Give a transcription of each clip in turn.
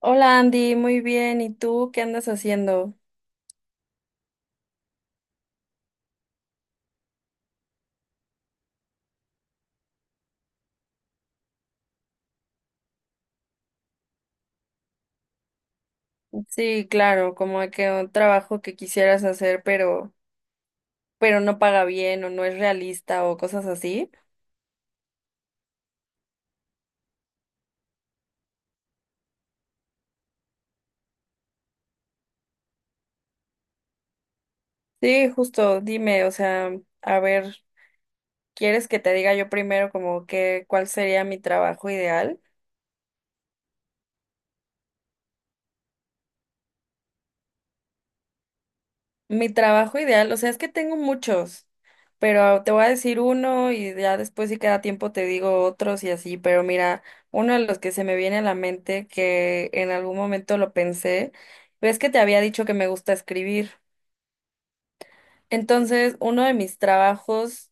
Hola Andy, muy bien. ¿Y tú qué andas haciendo? Sí, claro, como que un trabajo que quisieras hacer, pero no paga bien o no es realista o cosas así. Sí, justo, dime, o sea, a ver, ¿quieres que te diga yo primero como que cuál sería mi trabajo ideal? Mi trabajo ideal, o sea, es que tengo muchos, pero te voy a decir uno y ya después si queda tiempo te digo otros y así, pero mira, uno de los que se me viene a la mente, que en algún momento lo pensé, ves que te había dicho que me gusta escribir. Entonces, uno de mis trabajos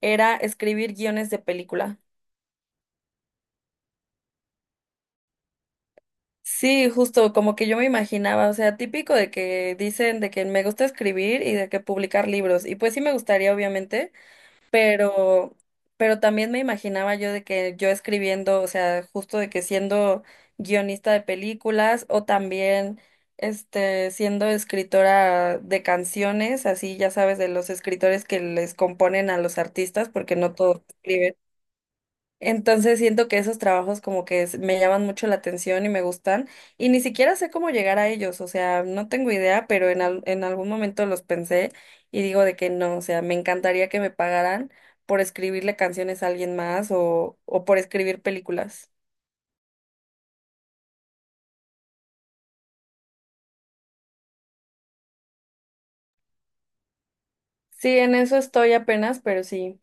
era escribir guiones de película. Sí, justo como que yo me imaginaba, o sea, típico de que dicen de que me gusta escribir y de que publicar libros, y pues sí me gustaría, obviamente, pero, pero también me imaginaba yo de que yo escribiendo, o sea, justo de que siendo guionista de películas o también siendo escritora de canciones, así ya sabes, de los escritores que les componen a los artistas, porque no todos escriben. Entonces siento que esos trabajos como que me llaman mucho la atención y me gustan y ni siquiera sé cómo llegar a ellos, o sea, no tengo idea, pero en algún momento los pensé y digo de que no, o sea, me encantaría que me pagaran por escribirle canciones a alguien más o por escribir películas. Sí, en eso estoy apenas, pero sí.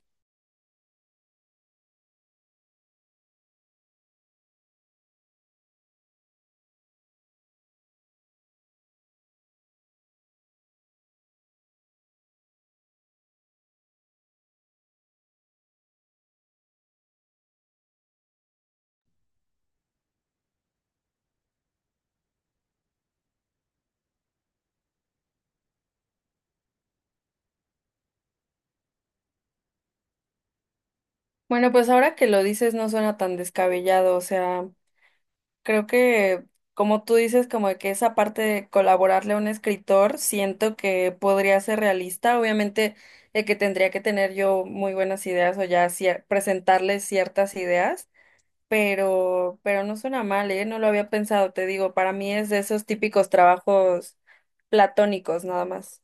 Bueno, pues ahora que lo dices no suena tan descabellado, o sea... Creo que, como tú dices, como de que esa parte de colaborarle a un escritor, siento que podría ser realista. Obviamente, de que tendría que tener yo muy buenas ideas o ya presentarle ciertas ideas, pero no suena mal, ¿eh? No lo había pensado, te digo, para mí es de esos típicos trabajos platónicos, nada más.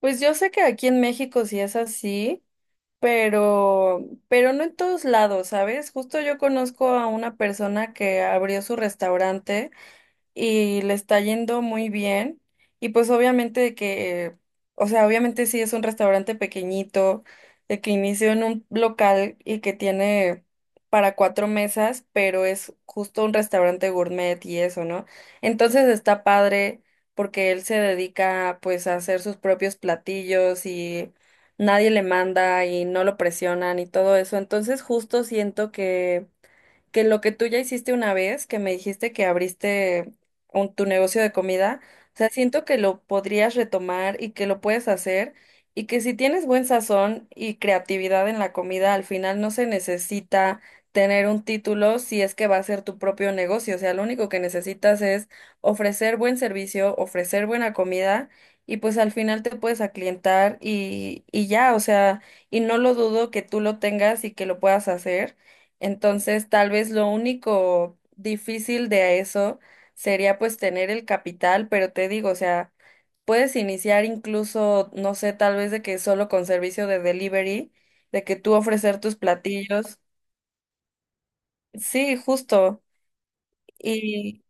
Pues yo sé que aquí en México sí es así, pero no en todos lados, ¿sabes? Justo yo conozco a una persona que abrió su restaurante y le está yendo muy bien. Y pues obviamente de que, o sea, obviamente sí es un restaurante pequeñito, de que inició en un local y que tiene para cuatro mesas, pero es justo un restaurante gourmet y eso, ¿no? Entonces está padre porque él se dedica pues a hacer sus propios platillos y nadie le manda y no lo presionan y todo eso. Entonces justo siento que lo que tú ya hiciste una vez, que me dijiste que abriste tu negocio de comida, o sea, siento que lo podrías retomar y que lo puedes hacer y que si tienes buen sazón y creatividad en la comida, al final no se necesita tener un título si es que va a ser tu propio negocio, o sea, lo único que necesitas es ofrecer buen servicio, ofrecer buena comida y pues al final te puedes aclientar y ya, o sea, y no lo dudo que tú lo tengas y que lo puedas hacer. Entonces, tal vez lo único difícil de eso sería pues tener el capital, pero te digo, o sea, puedes iniciar incluso, no sé, tal vez de que solo con servicio de delivery, de que tú ofrecer tus platillos. Sí, justo. Y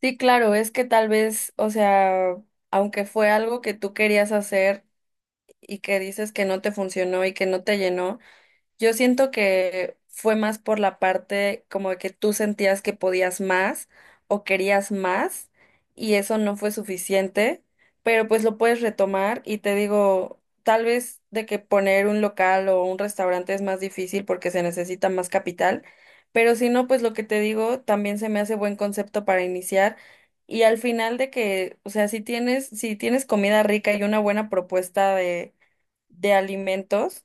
sí, claro, es que tal vez, o sea, aunque fue algo que tú querías hacer y que dices que no te funcionó y que no te llenó, yo siento que fue más por la parte como de que tú sentías que podías más o querías más y eso no fue suficiente, pero pues lo puedes retomar y te digo, tal vez de que poner un local o un restaurante es más difícil porque se necesita más capital, pero si no, pues lo que te digo también se me hace buen concepto para iniciar y al final de que, o sea, si tienes comida rica y una buena propuesta de alimentos,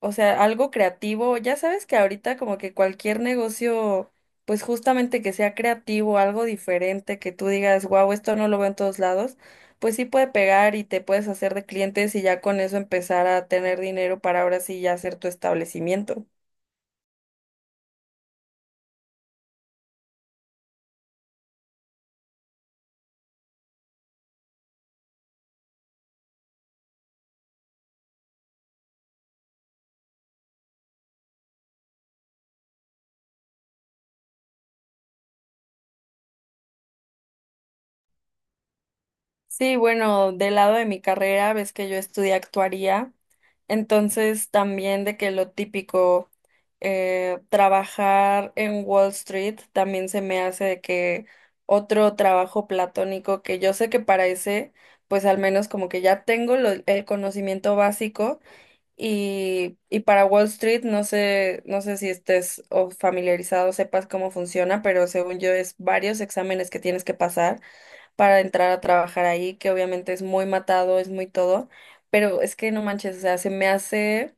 o sea, algo creativo. Ya sabes que ahorita como que cualquier negocio, pues justamente que sea creativo, algo diferente, que tú digas, wow, esto no lo veo en todos lados, pues sí puede pegar y te puedes hacer de clientes y ya con eso empezar a tener dinero para ahora sí ya hacer tu establecimiento. Sí, bueno, del lado de mi carrera, ves que yo estudié actuaría, entonces también de que lo típico, trabajar en Wall Street también se me hace de que otro trabajo platónico que yo sé que para ese, pues al menos como que ya tengo el conocimiento básico y para Wall Street no sé, no sé si estés o familiarizado, sepas cómo funciona, pero según yo es varios exámenes que tienes que pasar para entrar a trabajar ahí, que obviamente es muy matado, es muy todo, pero es que no manches, o sea, se me hace,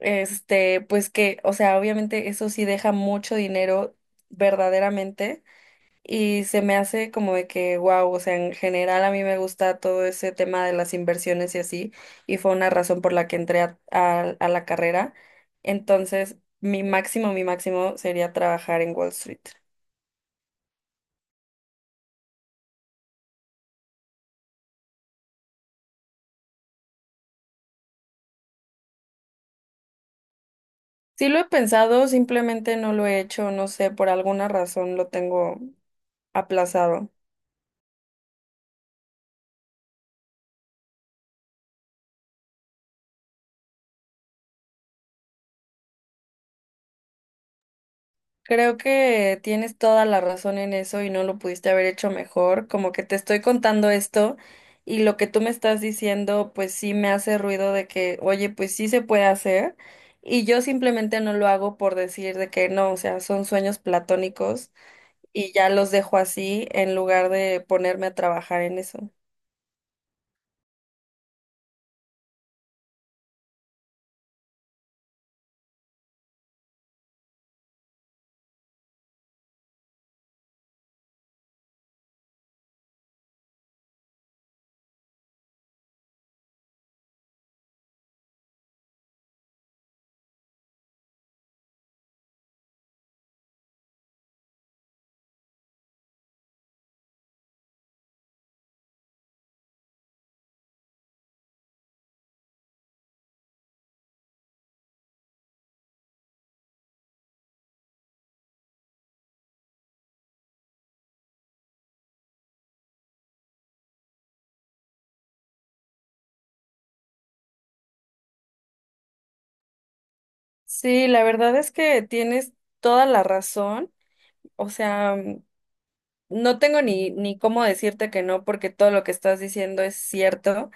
este, pues que, o sea, obviamente eso sí deja mucho dinero verdaderamente y se me hace como de que, wow, o sea, en general a mí me gusta todo ese tema de las inversiones y así, y fue una razón por la que entré a la carrera. Entonces, mi máximo sería trabajar en Wall Street. Sí lo he pensado, simplemente no lo he hecho, no sé, por alguna razón lo tengo aplazado. Creo que tienes toda la razón en eso y no lo pudiste haber hecho mejor, como que te estoy contando esto y lo que tú me estás diciendo, pues sí me hace ruido de que, oye, pues sí se puede hacer y yo simplemente no lo hago por decir de que no, o sea, son sueños platónicos y ya los dejo así en lugar de ponerme a trabajar en eso. Sí, la verdad es que tienes toda la razón. O sea, mm, no tengo ni, ni cómo decirte que no, porque todo lo que estás diciendo es cierto.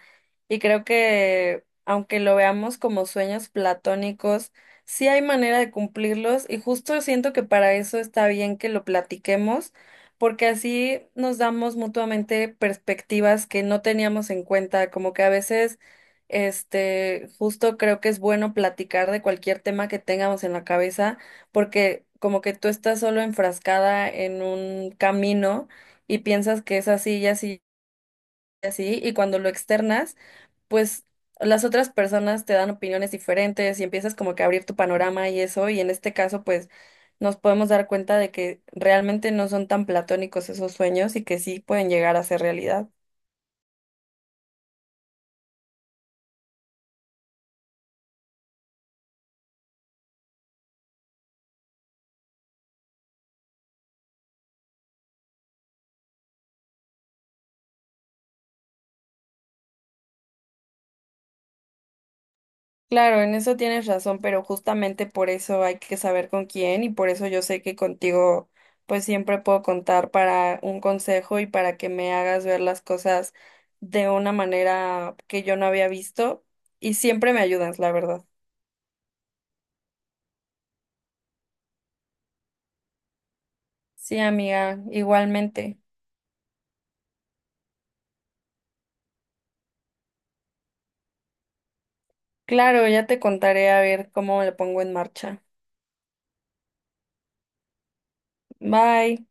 Y creo que, aunque lo veamos como sueños platónicos, sí hay manera de cumplirlos y justo siento que para eso está bien que lo platiquemos, porque así nos damos mutuamente perspectivas que no teníamos en cuenta, como que a veces, este, justo creo que es bueno platicar de cualquier tema que tengamos en la cabeza, porque como que tú estás solo enfrascada en un camino y piensas que es así y así, y cuando lo externas, pues las otras personas te dan opiniones diferentes y empiezas como que a abrir tu panorama y eso, y en este caso pues nos podemos dar cuenta de que realmente no son tan platónicos esos sueños y que sí pueden llegar a ser realidad. Claro, en eso tienes razón, pero justamente por eso hay que saber con quién y por eso yo sé que contigo pues siempre puedo contar para un consejo y para que me hagas ver las cosas de una manera que yo no había visto y siempre me ayudas, la verdad. Sí, amiga, igualmente. Claro, ya te contaré a ver cómo le pongo en marcha. Bye.